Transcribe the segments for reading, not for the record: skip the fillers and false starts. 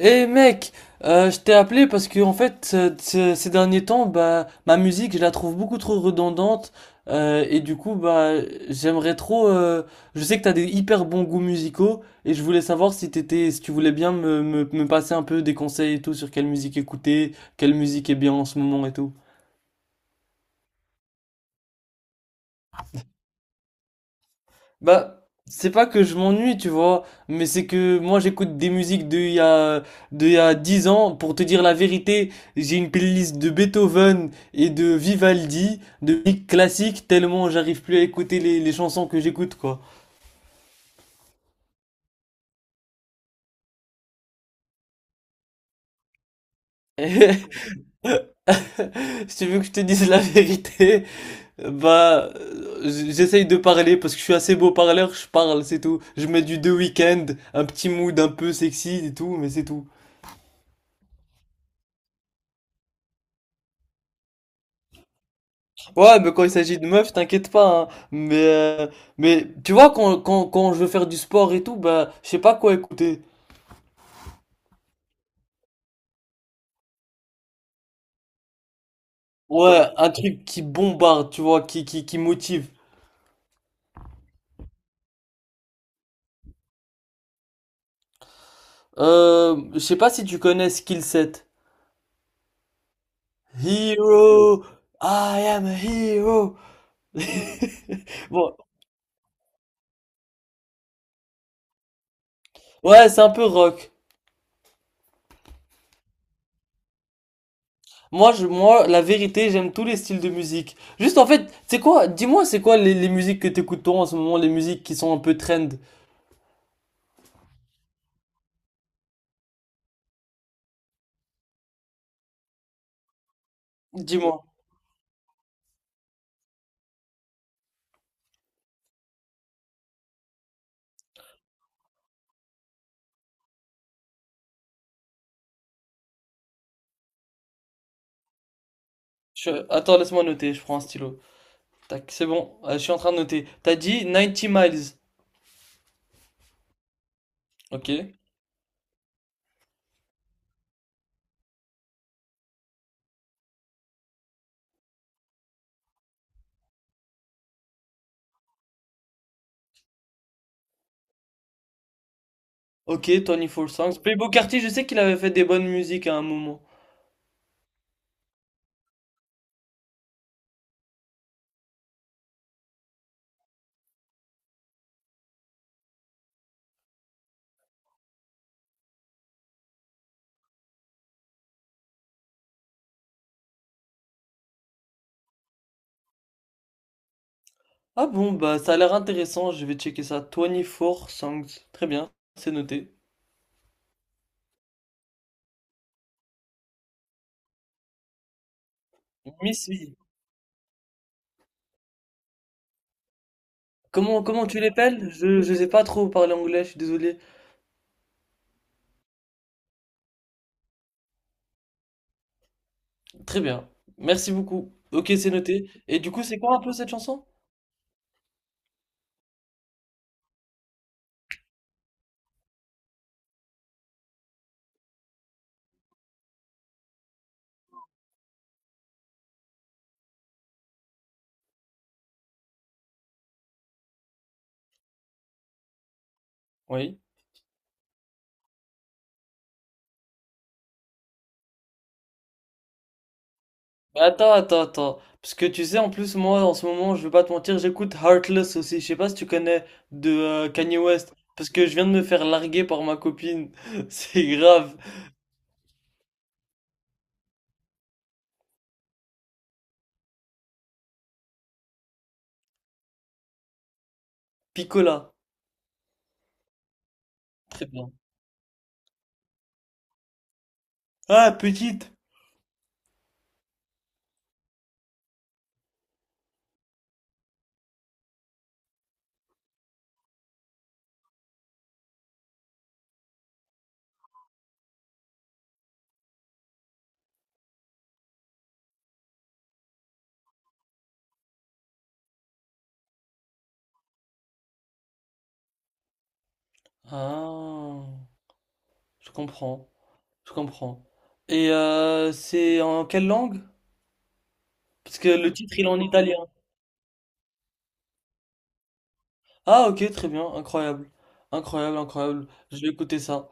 Eh mec, je t'ai appelé parce que en fait ces derniers temps, bah, ma musique, je la trouve beaucoup trop redondante, et du coup, bah, j'aimerais trop. Je sais que t'as des hyper bons goûts musicaux et je voulais savoir si tu voulais bien me passer un peu des conseils et tout sur quelle musique écouter, quelle musique est bien en ce moment et tout. Bah, c'est pas que je m'ennuie, tu vois, mais c'est que moi j'écoute des musiques de il y a 10 ans. Pour te dire la vérité, j'ai une playlist de Beethoven et de Vivaldi, de musique classique, tellement j'arrive plus à écouter les chansons que j'écoute, quoi. Si tu veux que je te dise la vérité, bah, j'essaye de parler parce que je suis assez beau parleur, je parle, c'est tout. Je mets du The Weeknd, un petit mood un peu sexy et tout, mais c'est tout. Ouais, mais quand il s'agit de meufs, t'inquiète pas, hein. Mais tu vois, quand je veux faire du sport et tout, bah, je sais pas quoi écouter. Ouais, un truc qui bombarde, tu vois, qui motive. Je sais pas si tu connais Skillset. Hero, I am a hero. Bon, ouais, c'est un peu rock. Moi, la vérité, j'aime tous les styles de musique. Juste, en fait, c'est quoi? Dis-moi, c'est quoi les musiques que t'écoutes toi en ce moment, les musiques qui sont un peu trend? Dis-moi. Attends, laisse-moi noter, je prends un stylo. Tac, c'est bon, je suis en train de noter. T'as dit Ninety Miles. Ok. Ok, 24 Songs. Playboi Carti, je sais qu'il avait fait des bonnes musiques à un moment. Ah bon, bah ça a l'air intéressant, je vais checker ça. 24 Songs. Très bien, c'est noté. Miss V. Comment tu l'appelles? Je sais pas trop parler anglais, je suis désolé. Très bien, merci beaucoup. Ok, c'est noté. Et du coup, c'est quoi un peu cette chanson? Oui. Mais attends, attends, attends. Parce que tu sais, en plus, moi, en ce moment, je vais pas te mentir, j'écoute Heartless aussi. Je sais pas si tu connais de Kanye West. Parce que je viens de me faire larguer par ma copine. C'est grave. Picola. Très bien. Ah, petite. Ah, je comprends. Je comprends. Et c'est en quelle langue? Parce que le titre, il est en italien. Ah, ok, très bien. Incroyable. Incroyable, incroyable. Je vais écouter ça.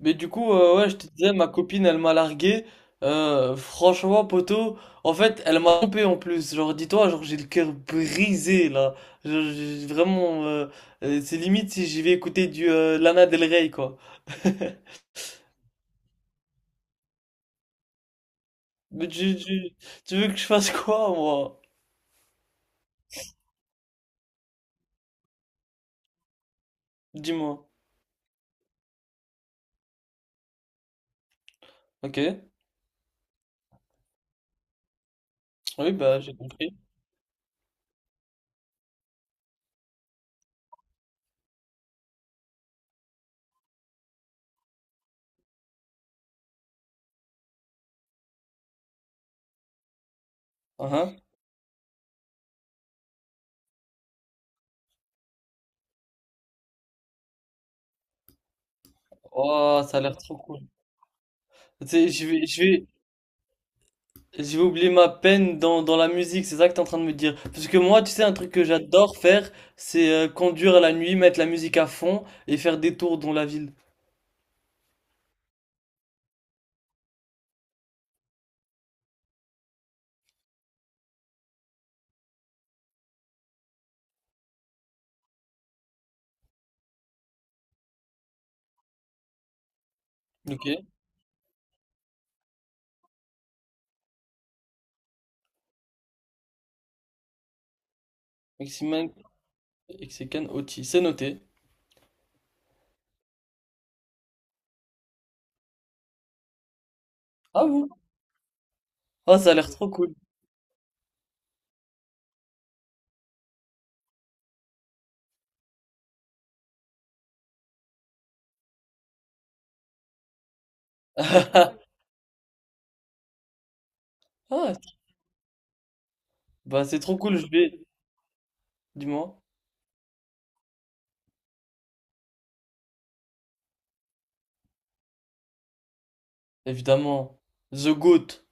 Mais du coup, ouais, je te disais, ma copine, elle m'a largué. Franchement, poto, en fait, elle m'a trompé en plus. Genre, dis-toi, genre, j'ai le cœur brisé, là. Genre, j'ai vraiment, c'est limite si j'y vais écouter du Lana Del Rey, quoi. Mais tu veux que je fasse quoi, moi? Dis-moi. Ok. Oui, bah, j'ai compris. Uhum. Oh, ça a l'air trop cool. Tu sais, j'ai oublié ma peine dans la musique, c'est ça que t'es en train de me dire. Parce que moi, tu sais, un truc que j'adore faire, c'est conduire à la nuit, mettre la musique à fond et faire des tours dans la ville. Ok. Maximin Mexican Oti, c'est noté. Ah vous Ah, ça a l'air trop cool. Ah, bah c'est trop cool, je vais. Dis-moi. Évidemment. The Goat.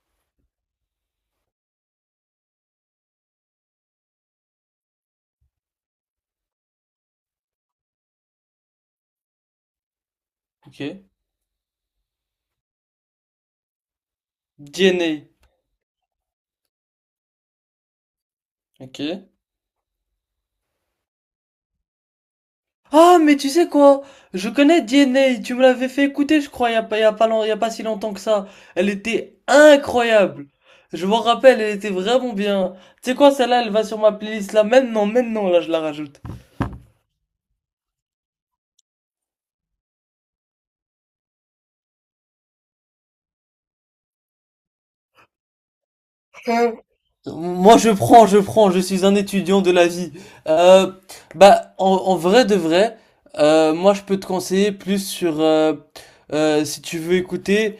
Ok. DNA. Ok. Ah, mais tu sais quoi? Je connais DNA, tu me l'avais fait écouter, je crois, il y a pas, il y a pas, long- il y a pas si longtemps que ça. Elle était incroyable. Je m'en rappelle, elle était vraiment bien. Tu sais quoi, celle-là, elle va sur ma playlist là maintenant, maintenant, là, je la rajoute. Moi, je prends, je suis un étudiant de la vie. Euh, Bah, en vrai de vrai, moi, je peux te conseiller plus sur, si tu veux écouter,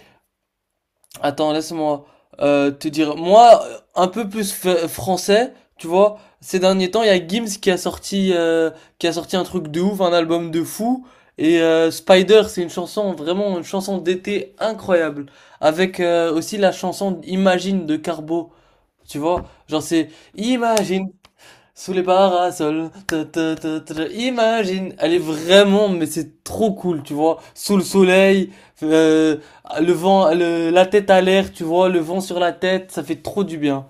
attends, laisse-moi te dire. Moi, un peu plus français, tu vois. Ces derniers temps, il y a Gims qui a sorti un truc de ouf, un album de fou. Et Spider, c'est une chanson d'été incroyable, avec aussi la chanson Imagine de Carbo. Tu vois, genre c'est Imagine sous les parasols, ta, ta, ta, ta, imagine, elle est vraiment, mais c'est trop cool, tu vois, sous le soleil, euh, le vent, la tête à l'air, tu vois, le vent sur la tête, ça fait trop du bien.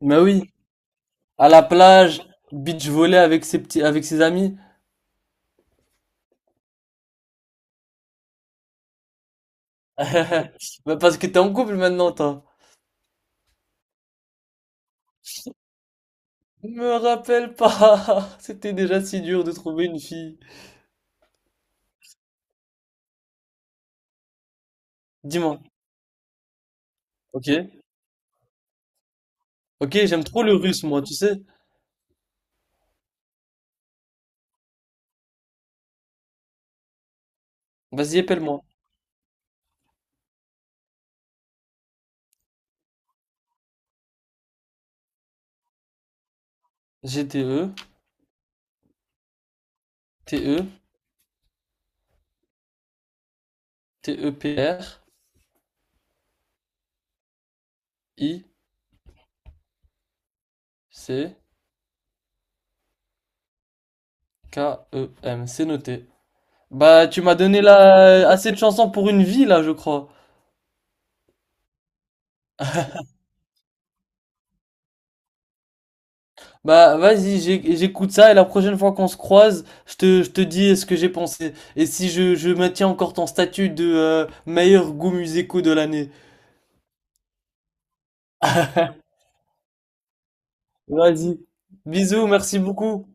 Mais oui, à la plage, beach volley avec ses amis. Bah, parce que t'es en couple maintenant, toi. Me rappelle pas, c'était déjà si dur de trouver une fille. Dis-moi. Ok. Ok, j'aime trop le russe, moi, tu sais. Vas-y, appelle-moi. GTE, TE. T-E-P-R-I-C-K-E-M. C'est noté. Bah, tu m'as donné là assez de chansons pour une vie, là, je crois. Bah, vas-y, j'écoute ça et la prochaine fois qu'on se croise, je te dis ce que j'ai pensé. Et si je maintiens encore ton statut de meilleur goût musicaux de l'année. Vas-y. Bisous, merci beaucoup.